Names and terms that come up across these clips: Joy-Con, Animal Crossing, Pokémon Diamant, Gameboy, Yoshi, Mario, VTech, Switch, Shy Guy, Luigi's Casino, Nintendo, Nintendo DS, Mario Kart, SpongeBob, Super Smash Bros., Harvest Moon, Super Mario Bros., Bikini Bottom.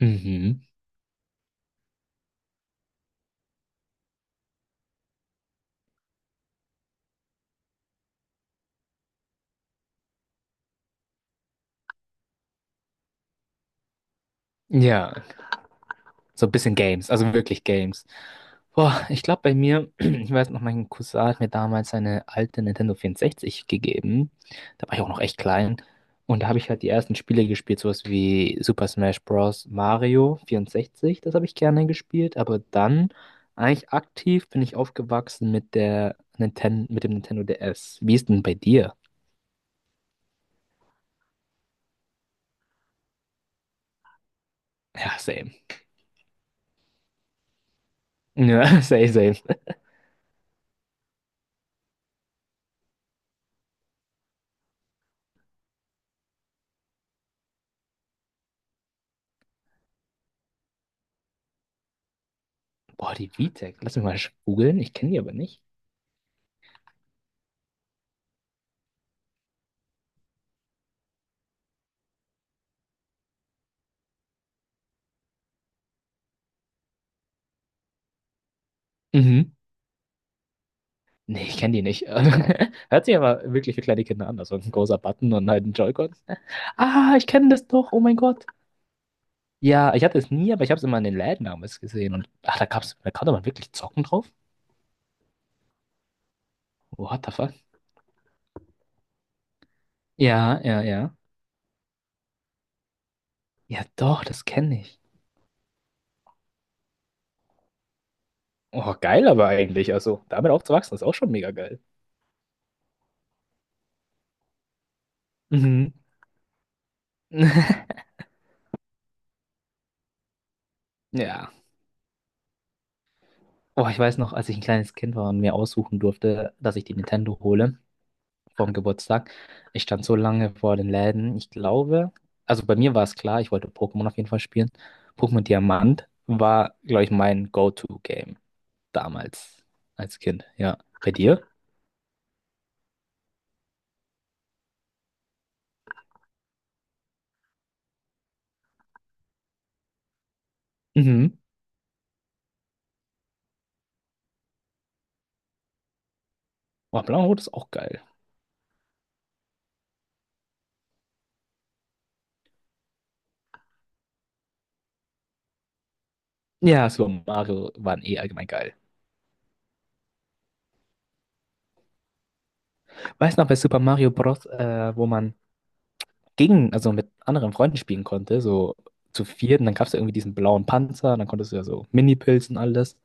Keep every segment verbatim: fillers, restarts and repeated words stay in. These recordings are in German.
Mhm. Ja, so ein bisschen Games, also wirklich Games. Boah, ich glaube bei mir, ich weiß noch, mein Cousin hat mir damals seine alte Nintendo vierundsechzig gegeben. Da war ich auch noch echt klein. Und da habe ich halt die ersten Spiele gespielt, sowas wie Super Smash Bros. Mario vierundsechzig, das habe ich gerne gespielt. Aber dann eigentlich aktiv bin ich aufgewachsen mit der Ninten mit dem Nintendo D S. Wie ist denn bei dir? Ja, same. Ja, same, same. Boah, die VTech, lass mich mal googeln, ich kenne die aber nicht. Mhm. Nee, ich kenne die nicht. Hört sich aber wirklich für kleine Kinder an. Also ein großer Button und halt ein Joy-Con. Ah, ich kenne das doch. Oh mein Gott. Ja, ich hatte es nie, aber ich habe es immer in den Läden damals gesehen. Und ach, da gab's, da konnte man wirklich zocken drauf. What the fuck? Ja, ja, ja. Ja, doch, das kenne ich. Oh, geil aber eigentlich. Also damit aufzuwachsen ist auch schon mega geil. Mhm. Ja. Oh, ich weiß noch, als ich ein kleines Kind war und mir aussuchen durfte, dass ich die Nintendo hole vom Geburtstag. Ich stand so lange vor den Läden. Ich glaube, also bei mir war es klar, ich wollte Pokémon auf jeden Fall spielen. Pokémon Diamant war, glaube ich, mein Go-To-Game damals als Kind. Ja, bei dir? Mhm. Oh, Blau und Rot ist auch geil. Ja, Super Mario waren eh allgemein geil. Weiß noch, bei Super Mario Bros., äh, wo man gegen, also mit anderen Freunden spielen konnte, so zu viert, und dann gab es ja irgendwie diesen blauen Panzer, und dann konntest du ja so Mini-Pilzen und alles.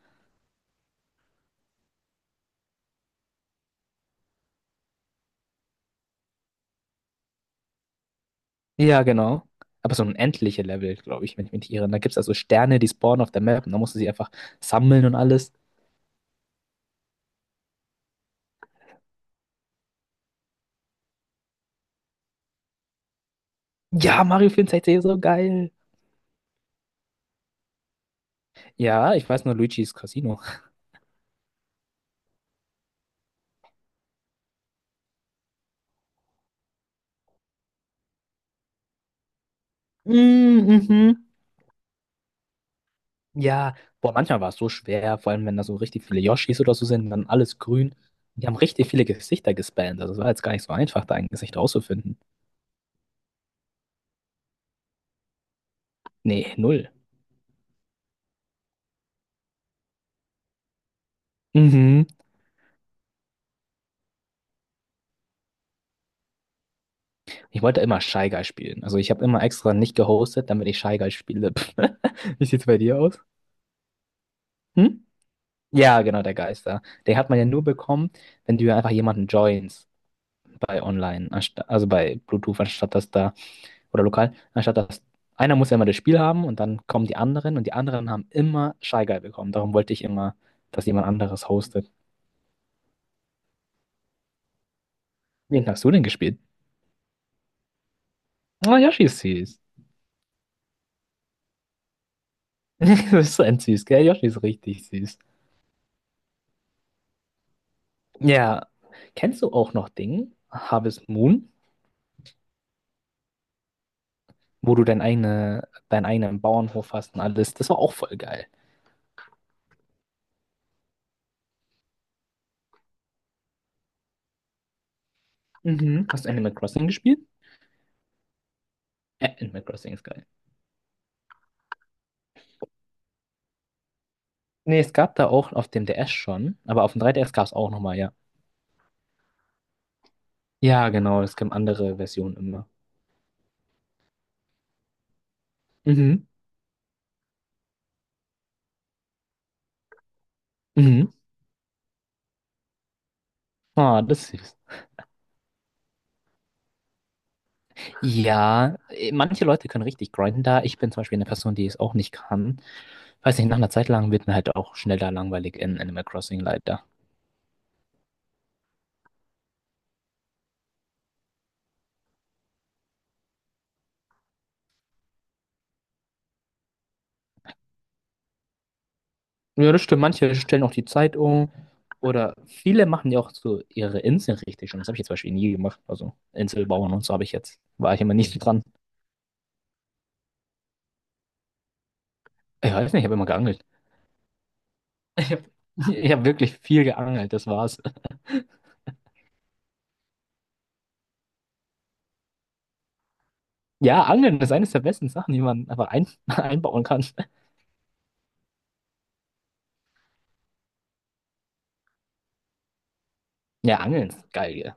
Ja, genau. Aber so ein endliche Level, glaube ich, wenn ich mich nicht irre. Da gibt es also Sterne, die spawnen auf der Map und da musst du sie einfach sammeln und alles. Ja, Mario vierundsechzig ist so geil. Ja, ich weiß nur Luigi's Casino. Mm, Mhm. Ja, boah, manchmal war es so schwer, vor allem wenn da so richtig viele Yoshis oder so sind, dann alles grün. Die haben richtig viele Gesichter gespammt. Also es war jetzt gar nicht so einfach, da ein Gesicht rauszufinden. Nee, null. Mhm. Ich wollte immer Shy Guy spielen. Also ich habe immer extra nicht gehostet, damit ich Shy Guy spiele. Wie sieht's bei dir aus? Hm? Ja, genau, der Geister. Den hat man ja nur bekommen, wenn du einfach jemanden joins bei online, ansta- also bei Bluetooth, anstatt dass da, oder lokal, anstatt dass einer muss ja immer das Spiel haben und dann kommen die anderen und die anderen haben immer Shy Guy bekommen. Darum wollte ich immer, dass jemand anderes hostet. Wen hast du denn gespielt? Oh, Yoshi ist süß. Du bist so ein süß, gell? Yoshi ist richtig süß. Ja. Kennst du auch noch Ding, Harvest Moon, wo du dein eigene, deinen eigenen Bauernhof hast und alles? Das war auch voll geil. Mhm. Hast du Animal Crossing gespielt? Äh, Animal Crossing ist geil. Nee, es gab da auch auf dem D S schon, aber auf dem drei D S gab es auch nochmal, ja. Ja, genau, es gibt andere Versionen immer. Mhm. Mhm. Ah, das ist. Ja, äh, manche Leute können richtig grinden da. Ich bin zum Beispiel eine Person, die es auch nicht kann. Weiß nicht, nach einer Zeit lang wird mir halt auch schneller langweilig in Animal Crossing leider. Ja, das stimmt. Manche stellen auch die Zeit um. Oder viele machen ja auch so ihre Inseln richtig schon. Das habe ich jetzt zum Beispiel nie gemacht. Also Inselbauern und so habe ich jetzt. War ich immer nicht so dran. Ich weiß nicht, ich habe immer geangelt. Ich habe ich hab wirklich viel geangelt, das war's. Ja, Angeln ist eines der besten Sachen, die man einfach ein, einbauen kann. Ja, Angeln ist geil, gell?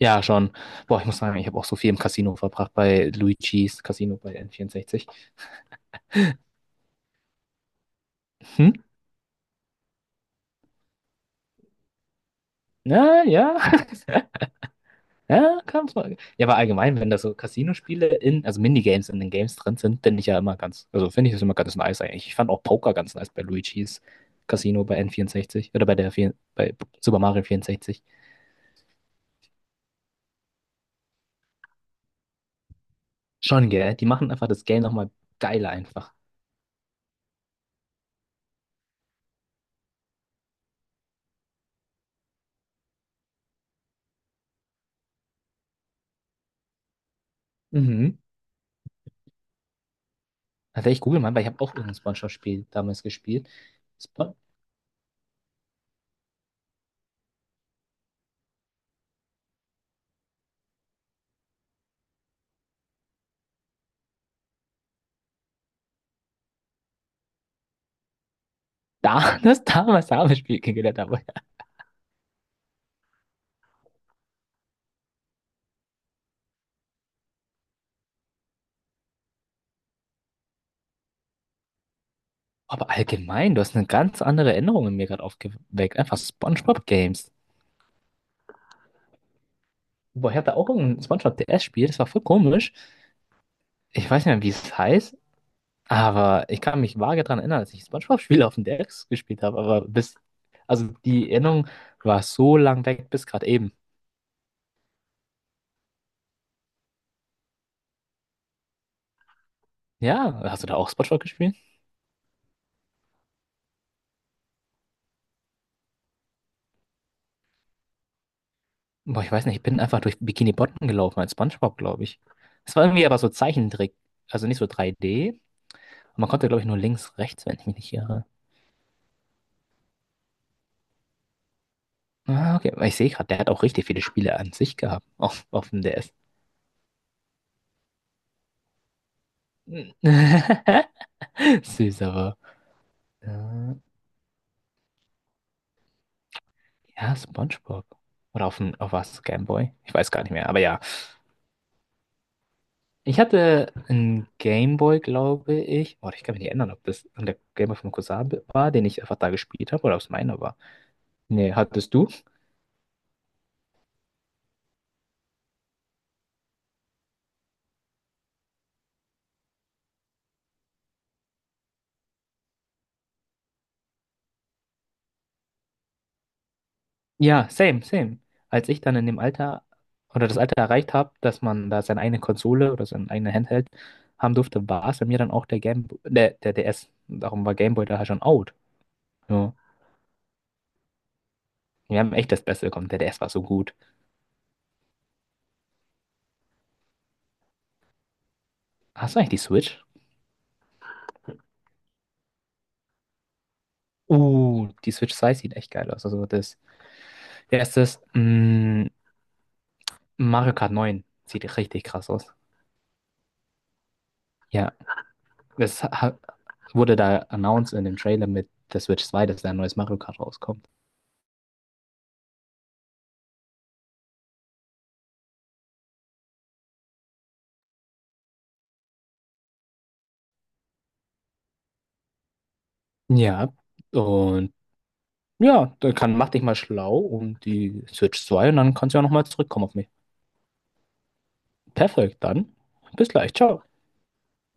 Ja, schon. Boah, ich muss sagen, ich habe auch so viel im Casino verbracht bei Luigi's Casino bei N vierundsechzig. Hm? Ja, ja, ja, kann's mal. Ja, aber allgemein, wenn da so Casino-Spiele in, also Minigames in den Games drin sind, bin ich ja immer ganz, also finde ich das immer ganz nice eigentlich. Ich fand auch Poker ganz nice bei Luigi's Casino bei N vierundsechzig oder bei der, vier- bei Super Mario vierundsechzig. Schon, gell? Die machen einfach das Game nochmal geiler einfach. Mhm. Also ich google mal, weil ich habe auch irgendein SpongeBob-Spiel damals gespielt. Spon da, das damals habe ich Spiel kennengelernt habe. Aber allgemein, du hast eine ganz andere Erinnerung in mir gerade aufgeweckt. Einfach SpongeBob-Games. Boah, ich hatte auch irgendein SpongeBob-D S-Spiel, das war voll komisch. Ich weiß nicht mehr, wie es heißt, aber ich kann mich vage daran erinnern, dass ich SpongeBob-Spiele auf dem D S gespielt habe. Aber bis, also die Erinnerung war so lang weg bis gerade eben. Ja, hast du da auch SpongeBob gespielt? Boah, ich weiß nicht, ich bin einfach durch Bikini Bottom gelaufen als SpongeBob, glaube ich. Es war irgendwie aber so Zeichentrick, also nicht so drei D. Und man konnte, glaube ich, nur links, rechts, wenn ich mich nicht irre. Ah, okay, aber ich sehe gerade, der hat auch richtig viele Spiele an sich gehabt, auf, auf dem D S. Süß, aber. äh, Ja, SpongeBob. Oder auf dem, auf was? Gameboy? Ich weiß gar nicht mehr, aber ja. Ich hatte einen Gameboy, glaube ich. Oh, ich kann mich nicht erinnern, ob das der Gameboy vom Cousin war, den ich einfach da gespielt habe, oder ob es meiner war. Nee, hattest du? Ja, same, same. Als ich dann in dem Alter oder das Alter erreicht habe, dass man da seine eigene Konsole oder sein eigenes Handheld haben durfte, war es bei mir dann auch der Game, der, der D S. Darum war Gameboy da halt schon out. Ja. Wir haben echt das Beste bekommen. Der D S war so gut. Hast du eigentlich die Switch? Uh, die Switch zwei sieht echt geil aus. Also das, der ist, mh, Mario Kart neun sieht richtig krass aus. Ja, das ha- wurde da announced in dem Trailer mit der Switch zwei, dass da ein neues Mario Kart rauskommt. Ja. Und ja, dann kann, mach dich mal schlau um die Switch zwei und dann kannst du ja nochmal zurückkommen auf mich. Perfekt, dann bis gleich, ciao.